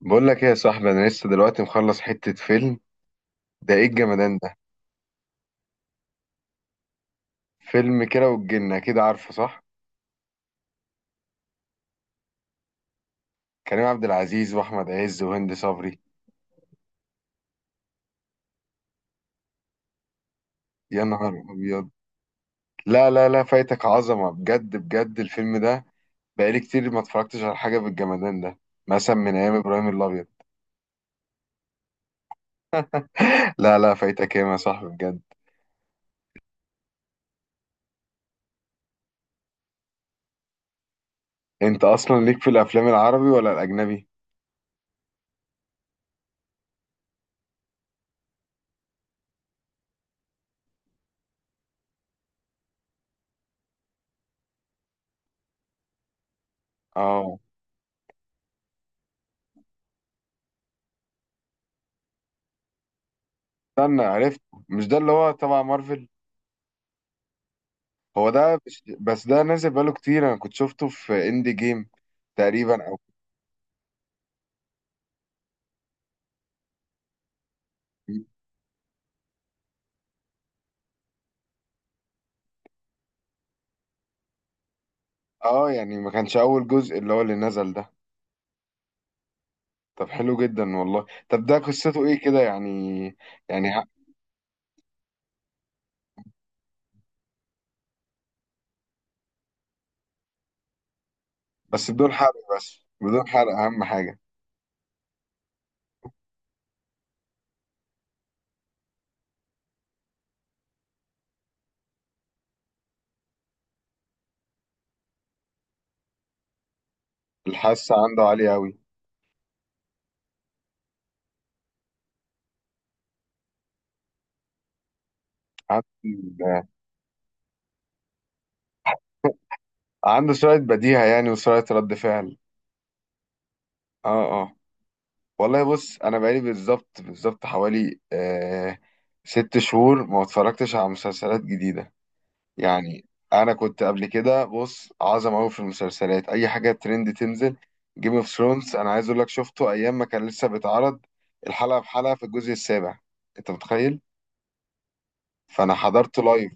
بقول لك ايه يا صاحبي، انا لسه دلوقتي مخلص حتة فيلم. ده ايه الجمدان ده؟ فيلم كده والجنة كده، عارفه؟ صح. كريم عبد العزيز واحمد عز وهند صبري. يا نهار ابيض. لا لا لا، فايتك عظمة بجد بجد الفيلم ده. بقالي كتير ما اتفرجتش على حاجة بالجمدان ده، مثلا من ايام ابراهيم الابيض. لا لا، فايتك ايه يا صاحبي بجد. انت اصلا ليك في الافلام العربي ولا الاجنبي؟ اه. استنى، عرفت. مش ده اللي هو تبع مارفل؟ هو ده بس، ده نازل بقاله كتير. انا كنت شفته في اندي جيم تقريبا، او اه يعني ما كانش اول جزء اللي هو اللي نزل ده؟ طب حلو جدا والله. طب ده قصته ايه كده يعني؟ يعني ه- بس بدون حرق، بس بدون حرق، اهم حاجة. الحاسة عنده عالية قوي. عنده عنده سرعة بديهة يعني، وسرعة رد فعل. اه اه. والله بص، انا بقالي بالظبط بالظبط حوالي ست شهور ما اتفرجتش على مسلسلات جديدة يعني. انا كنت قبل كده بص عظم قوي في المسلسلات، اي حاجه ترند تنزل. جيم اوف ثرونز، انا عايز اقول لك شفته ايام ما كان لسه بيتعرض، الحلقه بحلقه في الجزء السابع. انت متخيل؟ فانا حضرته لايف.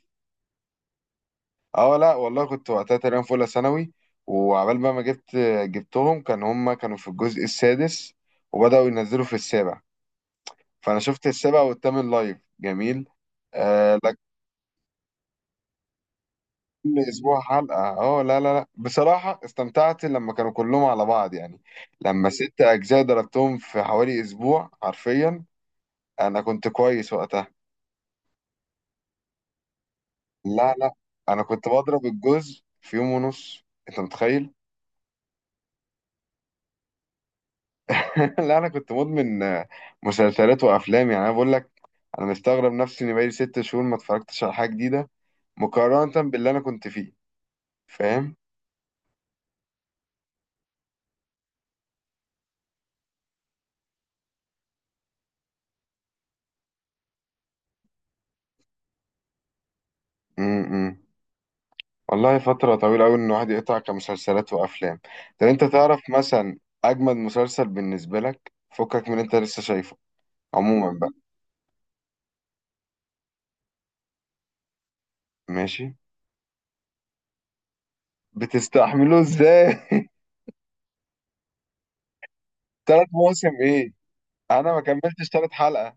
اه لا والله، كنت وقتها تقريبا في اولى ثانوي، وعبال بقى ما جبت جبتهم، كان هما كانوا في الجزء السادس وبداوا ينزلوا في السابع. فانا شفت السابع والثامن لايف، جميل. آه كل اسبوع حلقه، اه، لا لا لا، بصراحه استمتعت لما كانوا كلهم على بعض يعني. لما ست اجزاء ضربتهم في حوالي اسبوع حرفيا. انا كنت كويس وقتها. لا لا، انا كنت بضرب الجزء في يوم ونص، انت متخيل؟ لا انا كنت مدمن مسلسلات وافلام يعني. انا بقول لك، انا مستغرب نفسي اني بقالي ست شهور ما اتفرجتش على حاجه جديده، مقارنه باللي انا كنت فيه، فاهم؟ م- م. والله فترة طويلة أوي إن الواحد يقطع كمسلسلات وأفلام. طب أنت تعرف مثلا أجمد مسلسل بالنسبة لك فكك من اللي أنت لسه شايفه عموما بقى؟ ماشي. بتستحمله إزاي؟ تلات مواسم إيه؟ أنا ما كملتش تلات حلقة.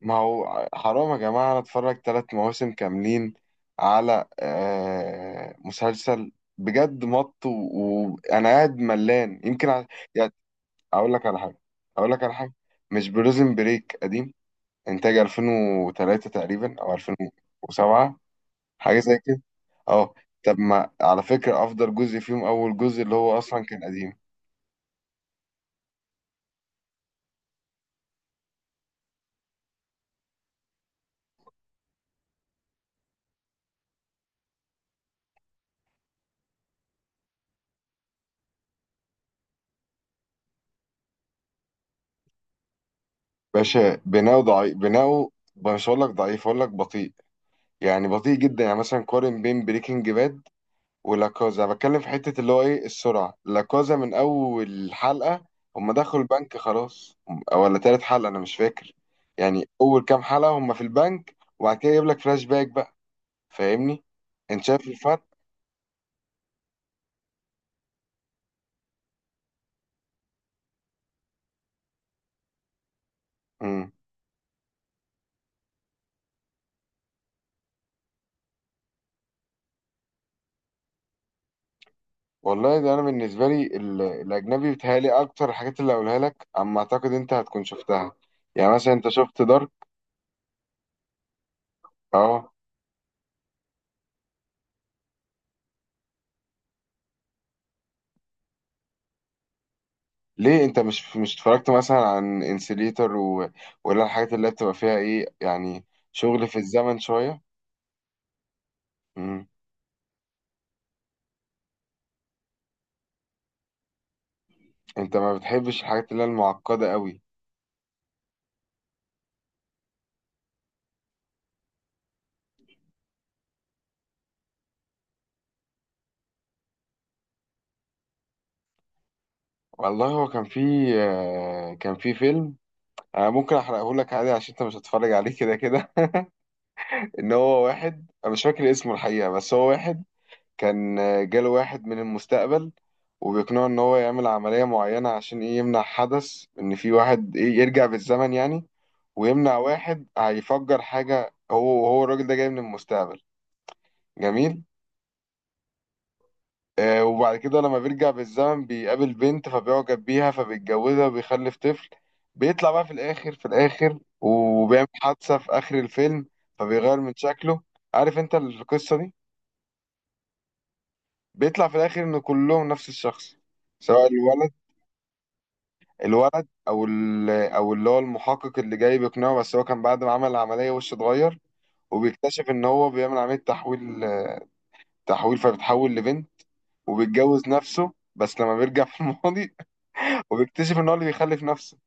ما هو حرام يا جماعة أنا أتفرج تلات مواسم كاملين على مسلسل بجد. مط وأنا قاعد ملان يمكن يعني. أقول لك على حاجة أقول لك على حاجة. مش بريزن بريك قديم؟ انتاج 2003 تقريبا او 2007، حاجه زي كده. اه. طب ما على فكره افضل جزء فيهم اول جزء اللي هو اصلا كان قديم. باشا بناؤه ضعيف، بناؤه مش هقول لك ضعيف، هقول لك بطيء. يعني بطيء جدا. يعني مثلا قارن بين بريكنج باد ولاكازا، بتكلم في حته اللي هو ايه، السرعه. لاكازا من اول حلقه هم دخلوا البنك خلاص، أو ولا تالت حلقه انا مش فاكر. يعني اول كام حلقه هم في البنك وبعد كده يجيب لك فلاش باك بقى. فاهمني؟ انت شايف؟ امم والله ده انا بالنسبه لي، الاجنبي بيتهيألي اكتر. الحاجات اللي هقولها لك اما اعتقد انت هتكون شفتها. يعني مثلا انت شفت دارك؟ اه. ليه، انت مش اتفرجت مثلا عن انسليتر ولا الحاجات اللي بتبقى فيها ايه يعني، شغل في الزمن شويه؟ امم انت ما بتحبش الحاجات اللي هي المعقده قوي. والله هو كان في كان في فيلم. انا ممكن احرقه لك عادي عشان انت مش هتتفرج عليه كده كده. ان هو واحد، انا مش فاكر اسمه الحقيقه، بس هو واحد كان جاله واحد من المستقبل وبيقنعه ان هو يعمل عملية معينة عشان ايه، يمنع حدث، ان في واحد ايه يرجع بالزمن يعني، ويمنع واحد هيفجر حاجة. هو الراجل ده جاي من المستقبل. جميل. وبعد كده لما بيرجع بالزمن بيقابل بنت فبيعجب بيها فبيتجوزها وبيخلف طفل. بيطلع بقى في الاخر، وبيعمل حادثة في اخر الفيلم فبيغير من شكله. عارف انت القصة دي؟ بيطلع في الاخر ان كلهم نفس الشخص، سواء الولد، او اللي هو المحقق اللي جاي بيقنعه. بس هو كان بعد ما عمل العمليه وشه اتغير، وبيكتشف ان هو بيعمل عمليه تحويل، فبيتحول لبنت وبيتجوز نفسه، بس لما بيرجع في الماضي. وبيكتشف ان هو اللي بيخلف نفسه.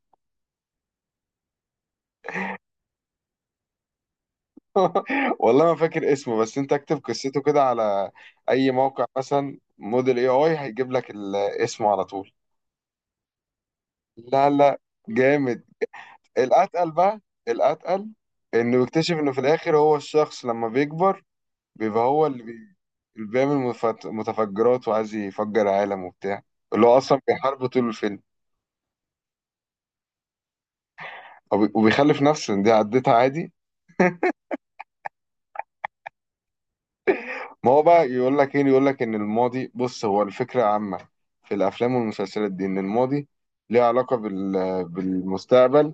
والله ما فاكر اسمه، بس انت اكتب قصته كده على اي موقع، مثلا موديل اي اي، هيجيب لك اسمه على طول. لا لا، جامد. الاتقل بقى، الاتقل، انه بيكتشف انه في الاخر هو الشخص لما بيكبر، بيبقى هو اللي بيعمل متفجرات وعايز يفجر عالم وبتاع، اللي هو اصلا بيحاربه طول الفيلم. وبيخلف نفسه، إن دي عدتها عادي. ما هو بقى يقول لك ايه، يقول لك ان الماضي، بص هو الفكره عامه في الافلام والمسلسلات دي، ان الماضي ليه علاقه بالمستقبل،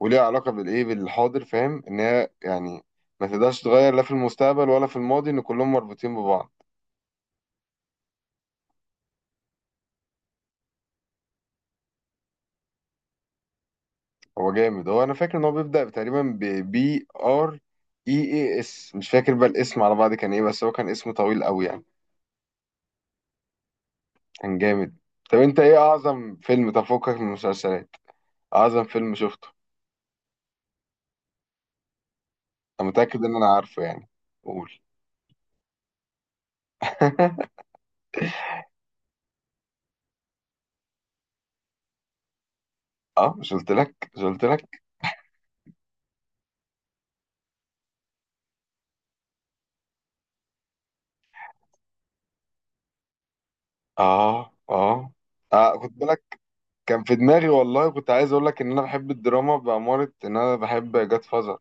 وليه علاقه بالايه، بالحاضر، فاهم؟ ان هي يعني ما تقدرش تغير لا في المستقبل ولا في الماضي، ان كلهم مربوطين ببعض. هو جامد. هو انا فاكر ان هو بيبدأ تقريبا ب بي ار اي اي اس، مش فاكر بقى الاسم على بعض كان ايه، بس هو كان اسم طويل قوي يعني. كان جامد. طب انت ايه اعظم فيلم تفوقك من المسلسلات، اعظم فيلم شفته؟ انا متأكد ان انا عارفه يعني. قول. اه، مش قلت لك، مش قلت لك. اه اه اه، خد بالك، كان في دماغي. والله كنت عايز اقول لك ان انا بحب الدراما، بأمارة ان انا بحب جاد فازر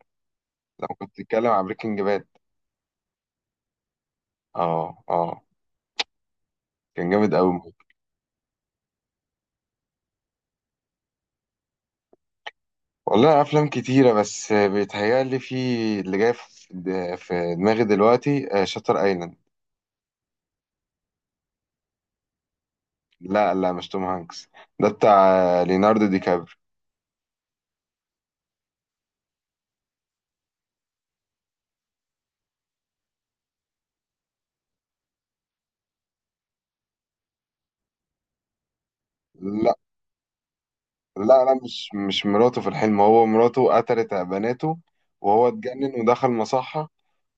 لما كنت بتتكلم عن بريكنج باد. اه اه، كان جامد قوي. والله افلام كتيره، بس بيتهيألي في اللي جاي في دماغي دلوقتي، شاتر ايلاند. لا لا، مش توم هانكس، ده بتاع ليوناردو دي كابري. لا لا لا، مش مراته في الحلم. هو مراته قتلت بناته وهو اتجنن ودخل مصحه،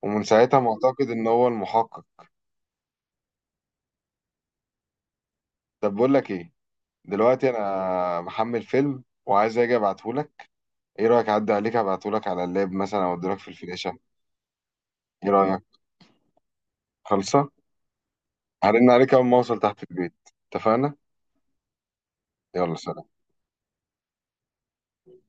ومن ساعتها معتقد ان هو المحقق. طب بقول لك ايه، دلوقتي انا محمل فيلم وعايز اجي ابعته لك. ايه رايك اعدي عليك ابعته لك على اللاب مثلا، او اديلك في الفلاشه؟ ايه رايك؟ خلصه. هرن عليك أول ما أوصل تحت البيت. اتفقنا؟ يلا سلام.